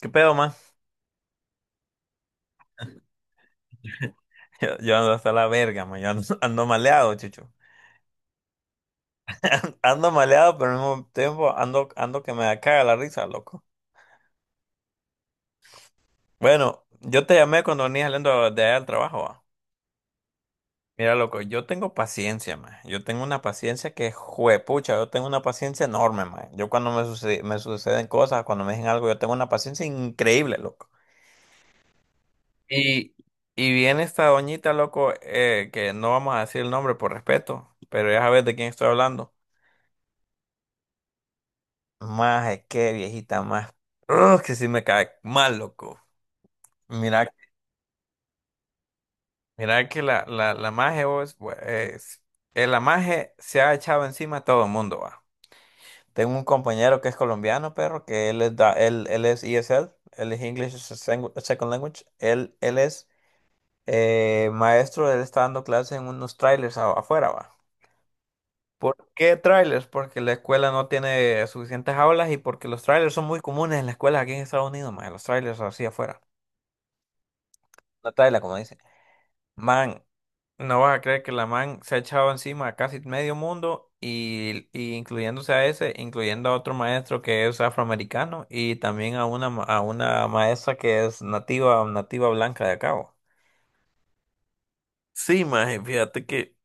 ¿Qué pedo, man? Yo ando hasta la verga, man. Yo ando, ando maleado, chucho. Ando maleado, pero al mismo tiempo ando, ando que me caga la risa, loco. Bueno, yo te llamé cuando venía saliendo de allá al trabajo, va. Mira, loco, yo tengo paciencia, man. Yo tengo una paciencia que, juepucha, yo tengo una paciencia enorme, man. Yo cuando me suceden cosas, cuando me dicen algo, yo tengo una paciencia increíble, loco. Y, y viene esta doñita, loco, que no vamos a decir el nombre por respeto, pero ya sabes de quién estoy hablando. Más es que viejita, más. Ugh, que sí me cae mal, loco. Mira, mira que la maje vos, es, la maje se ha echado encima a todo el mundo, va. Tengo un compañero que es colombiano, perro, que él es ESL, él es English as a Second Language, él es maestro, él está dando clases en unos trailers afuera, va. ¿Por qué trailers? Porque la escuela no tiene suficientes aulas y porque los trailers son muy comunes en las escuelas aquí en Estados Unidos, más los trailers así afuera. La Tayla, como dice. Man, no vas a creer que la man se ha echado encima a casi medio mundo y incluyéndose a ese, incluyendo a otro maestro que es afroamericano y también a una, a una maestra que es nativa, nativa blanca de acá, bo. Sí, maje, fíjate que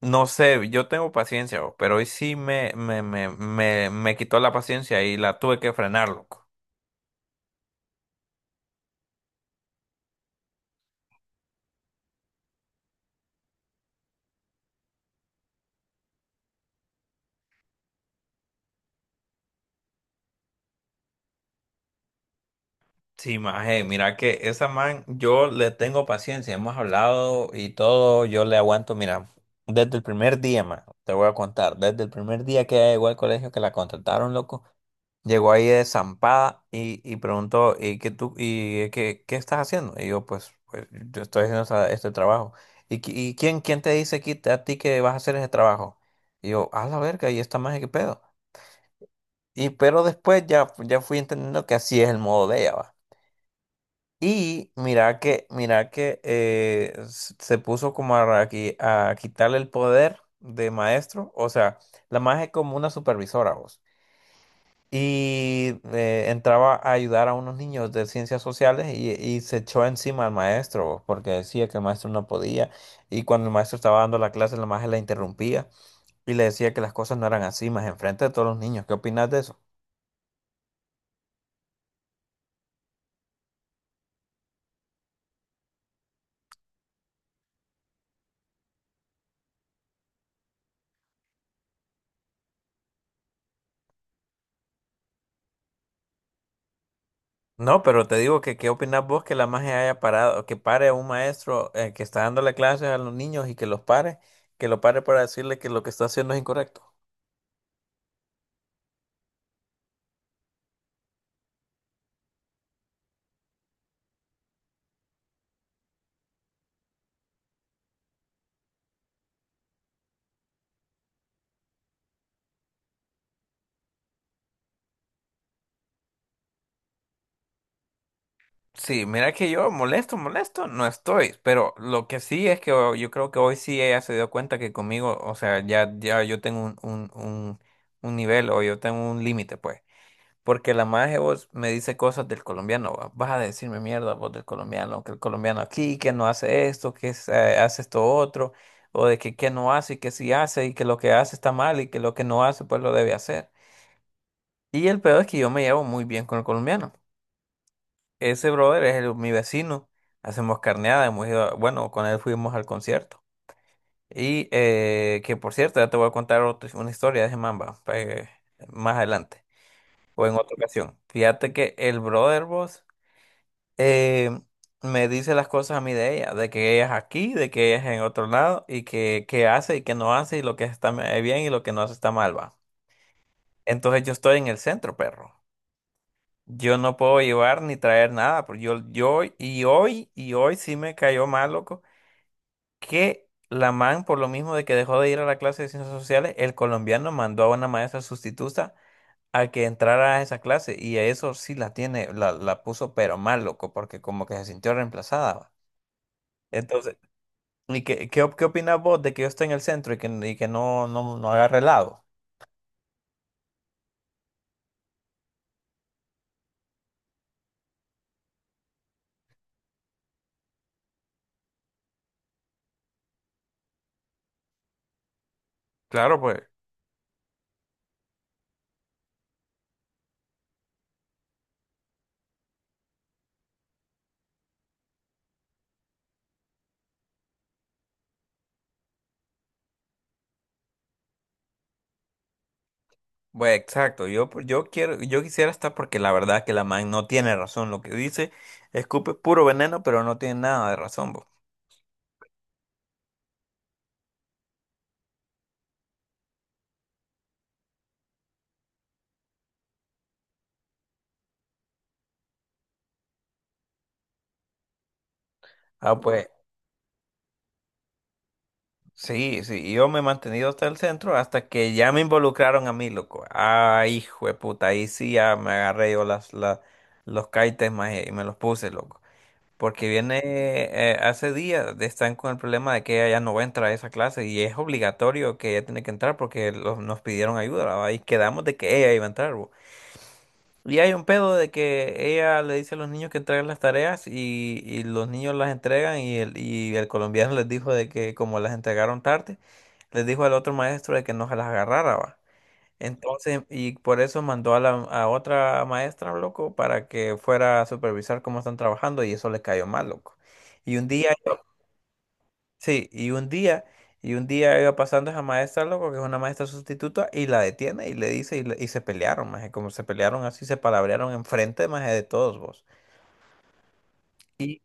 no sé, yo tengo paciencia, bo, pero hoy sí me quitó la paciencia y la tuve que frenar, loco. Sí, maje, mira que esa man, yo le tengo paciencia, hemos hablado y todo, yo le aguanto, mira, desde el primer día, man, te voy a contar, desde el primer día que ella llegó al colegio, que la contrataron, loco, llegó ahí de zampada y preguntó, ¿y qué tú, y qué estás haciendo? Y yo, pues, yo estoy haciendo este trabajo. ¿Y, quién te dice aquí, a ti que vas a hacer ese trabajo? Y yo, a la verga, y esta maje, ¿qué pedo? Y pero después ya fui entendiendo que así es el modo de ella, va. Y mira que se puso como a, a quitarle el poder de maestro. O sea, la maestra es como una supervisora, vos. Y entraba a ayudar a unos niños de ciencias sociales y se echó encima al maestro, vos, porque decía que el maestro no podía. Y cuando el maestro estaba dando la clase, la maestra la interrumpía y le decía que las cosas no eran así, más enfrente de todos los niños. ¿Qué opinas de eso? No, pero te digo que qué opinas vos que la magia haya parado, que pare a un maestro que está dándole clases a los niños y que los pare, que lo pare para decirle que lo que está haciendo es incorrecto. Sí, mira que yo molesto, molesto, no estoy, pero lo que sí es que yo creo que hoy sí ella se dio cuenta que conmigo, o sea, ya yo tengo un nivel o yo tengo un límite, pues. Porque la maje vos me dice cosas del colombiano, va, vas a decirme mierda vos del colombiano, que el colombiano aquí, que no hace esto, que es, hace esto otro, o de que no hace y que sí hace y que lo que hace está mal y que lo que no hace pues lo debe hacer. Y el peor es que yo me llevo muy bien con el colombiano. Ese brother es mi vecino, hacemos carneada, hemos ido, bueno, con él fuimos al concierto. Y que por cierto, ya te voy a contar una historia de ese mamba, más adelante, o en otra ocasión. Fíjate que el brother vos eh, me dice las cosas a mí de ella, de que ella es aquí, de que ella es en otro lado y que hace y que no hace y lo que está bien y lo que no hace está mal, va. Entonces yo estoy en el centro, perro. Yo no puedo llevar ni traer nada, porque y hoy sí me cayó mal, loco, que la man, por lo mismo de que dejó de ir a la clase de ciencias sociales, el colombiano mandó a una maestra sustituta a que entrara a esa clase y a eso sí la tiene, la puso pero mal, loco, porque como que se sintió reemplazada, va. Entonces, ¿y qué opinas vos de que yo esté en el centro y que no agarre helado? Claro, pues. Pues exacto, yo, pues, yo quiero, yo quisiera estar porque la verdad que la man no tiene razón. Lo que dice, escupe puro veneno, pero no tiene nada de razón, bo. Ah, pues, sí, sí, y yo me he mantenido hasta el centro hasta que ya me involucraron a mí, loco. Ay, hijo de puta, ahí sí ya me agarré yo los caites más y me los puse, loco. Porque viene, hace días están con el problema de que ella ya no va a entrar a esa clase y es obligatorio que ella tiene que entrar porque nos pidieron ayuda, ¿va? Y quedamos de que ella iba a entrar, bo. Y hay un pedo de que ella le dice a los niños que entreguen las tareas y los niños las entregan y y el colombiano les dijo de que como las entregaron tarde, les dijo al otro maestro de que no se las agarrara, ¿va? Entonces, y por eso mandó a la a otra maestra, loco, para que fuera a supervisar cómo están trabajando y eso le cayó mal, loco. Y un día, sí, y un día iba pasando esa maestra, loco, que es una maestra sustituta, y la detiene y le dice, y se pelearon, maje, como se pelearon así, se palabrearon enfrente, maje, de todos vos. Y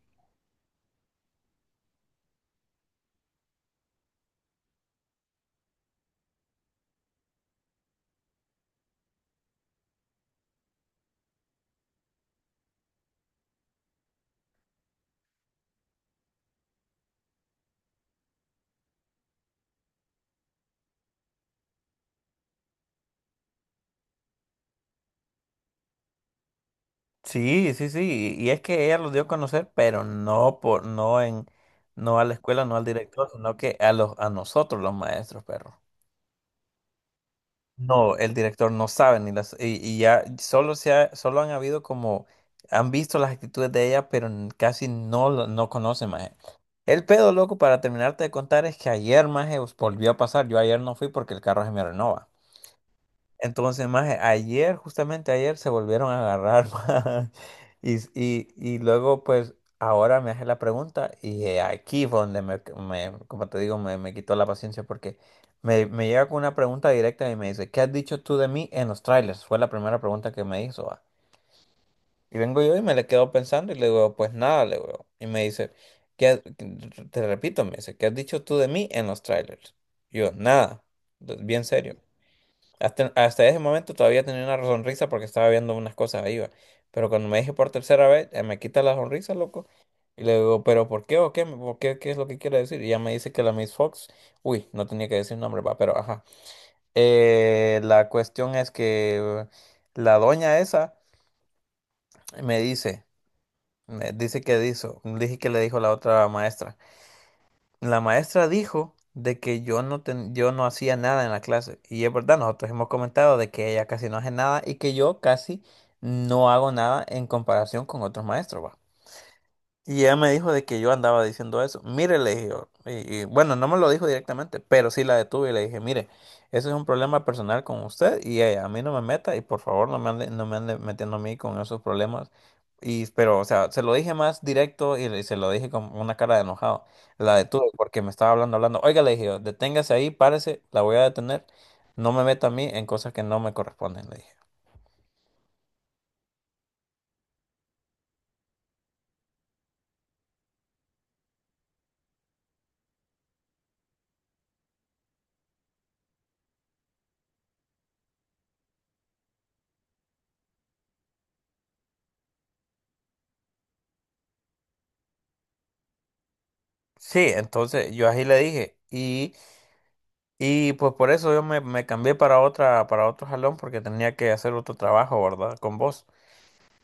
sí, y es que ella los dio a conocer, pero no por, no en, no a la escuela, no al director, sino que a los, a nosotros los maestros, perro. No, el director no sabe ni las y ya solo solo han habido como han visto las actitudes de ella, pero casi no no conocen más. El pedo loco para terminarte de contar es que ayer más volvió a pasar. Yo ayer no fui porque el carro se me renova. Entonces, más ayer, justamente ayer, se volvieron a agarrar, maje. Y luego, pues, ahora me hace la pregunta y aquí fue donde como te digo, me quitó la paciencia porque me llega con una pregunta directa y me dice, ¿qué has dicho tú de mí en los trailers? Fue la primera pregunta que me hizo, va. Y vengo yo y me le quedo pensando y le digo, pues nada, le digo. Y me dice, ¿qué has- te repito, me dice, ¿qué has dicho tú de mí en los trailers? Y yo, nada, bien serio. Hasta, hasta ese momento todavía tenía una sonrisa porque estaba viendo unas cosas ahí, va. Pero cuando me dije por tercera vez, me quita la sonrisa, loco. Y le digo, ¿pero por qué o qué? ¿Por qué? ¿Qué es lo que quiere decir? Y ya me dice que la Miss Fox, uy, no tenía que decir nombre, va, pero ajá. La cuestión es que la doña esa me dice, me dice que dijo, dije que le dijo la otra maestra. La maestra dijo de que yo no, yo no hacía nada en la clase. Y es verdad, nosotros hemos comentado de que ella casi no hace nada y que yo casi no hago nada en comparación con otros maestros, ¿va? Y ella me dijo de que yo andaba diciendo eso. Mire, le dije yo. Bueno, no me lo dijo directamente, pero sí la detuve y le dije, mire, eso es un problema personal con usted y ella, a mí no me meta y por favor no me ande, no me ande metiendo a mí con esos problemas. Y, pero, o sea, se lo dije más directo se lo dije con una cara de enojado. La detuve porque me estaba hablando, hablando. Oiga, le dije yo, deténgase ahí, párese, la voy a detener. No me meta a mí en cosas que no me corresponden, le dije. Sí, entonces yo así le dije y... Y pues por eso yo me cambié para otra, para otro jalón porque tenía que hacer otro trabajo, ¿verdad? Con vos.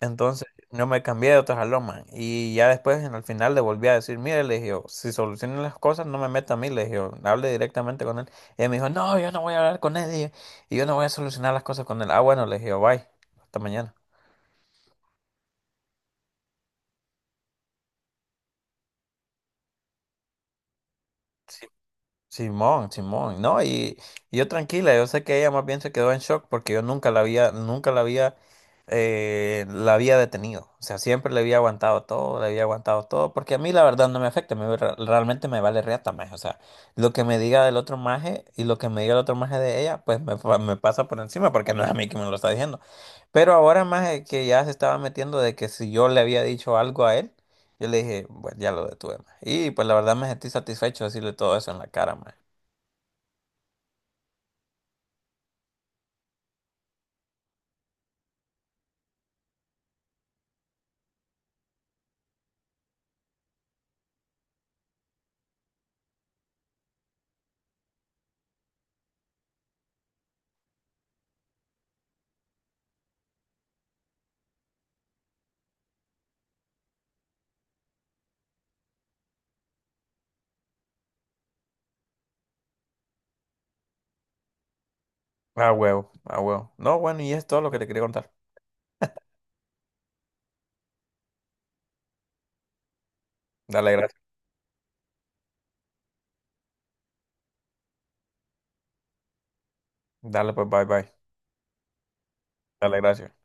Entonces no me cambié de otro jalón, man. Y ya después en el final le volví a decir, mire, le dije, yo, si solucionan las cosas, no me meta a mí, le dije, yo, hable directamente con él. Y él me dijo, no, yo no voy a hablar con él y yo no voy a solucionar las cosas con él. Ah, bueno, le dije, yo, bye, hasta mañana. Simón, Simón, no, y yo tranquila, yo sé que ella más bien se quedó en shock porque yo nunca la había, nunca la había, la había detenido, o sea, siempre le había aguantado todo, le había aguantado todo, porque a mí la verdad no me afecta, realmente me vale reata, maje, o sea, lo que me diga del otro maje y lo que me diga el otro maje de ella, me pasa por encima porque no es a mí que me lo está diciendo, pero ahora maje que ya se estaba metiendo de que si yo le había dicho algo a él, yo le dije, bueno, ya lo detuve, maje. Y pues la verdad me sentí satisfecho de decirle todo eso en la cara, maje. A huevo, a huevo. No, bueno, y es todo lo que te quería contar. Dale, gracias. Dale, pues, bye, bye. Dale, gracias.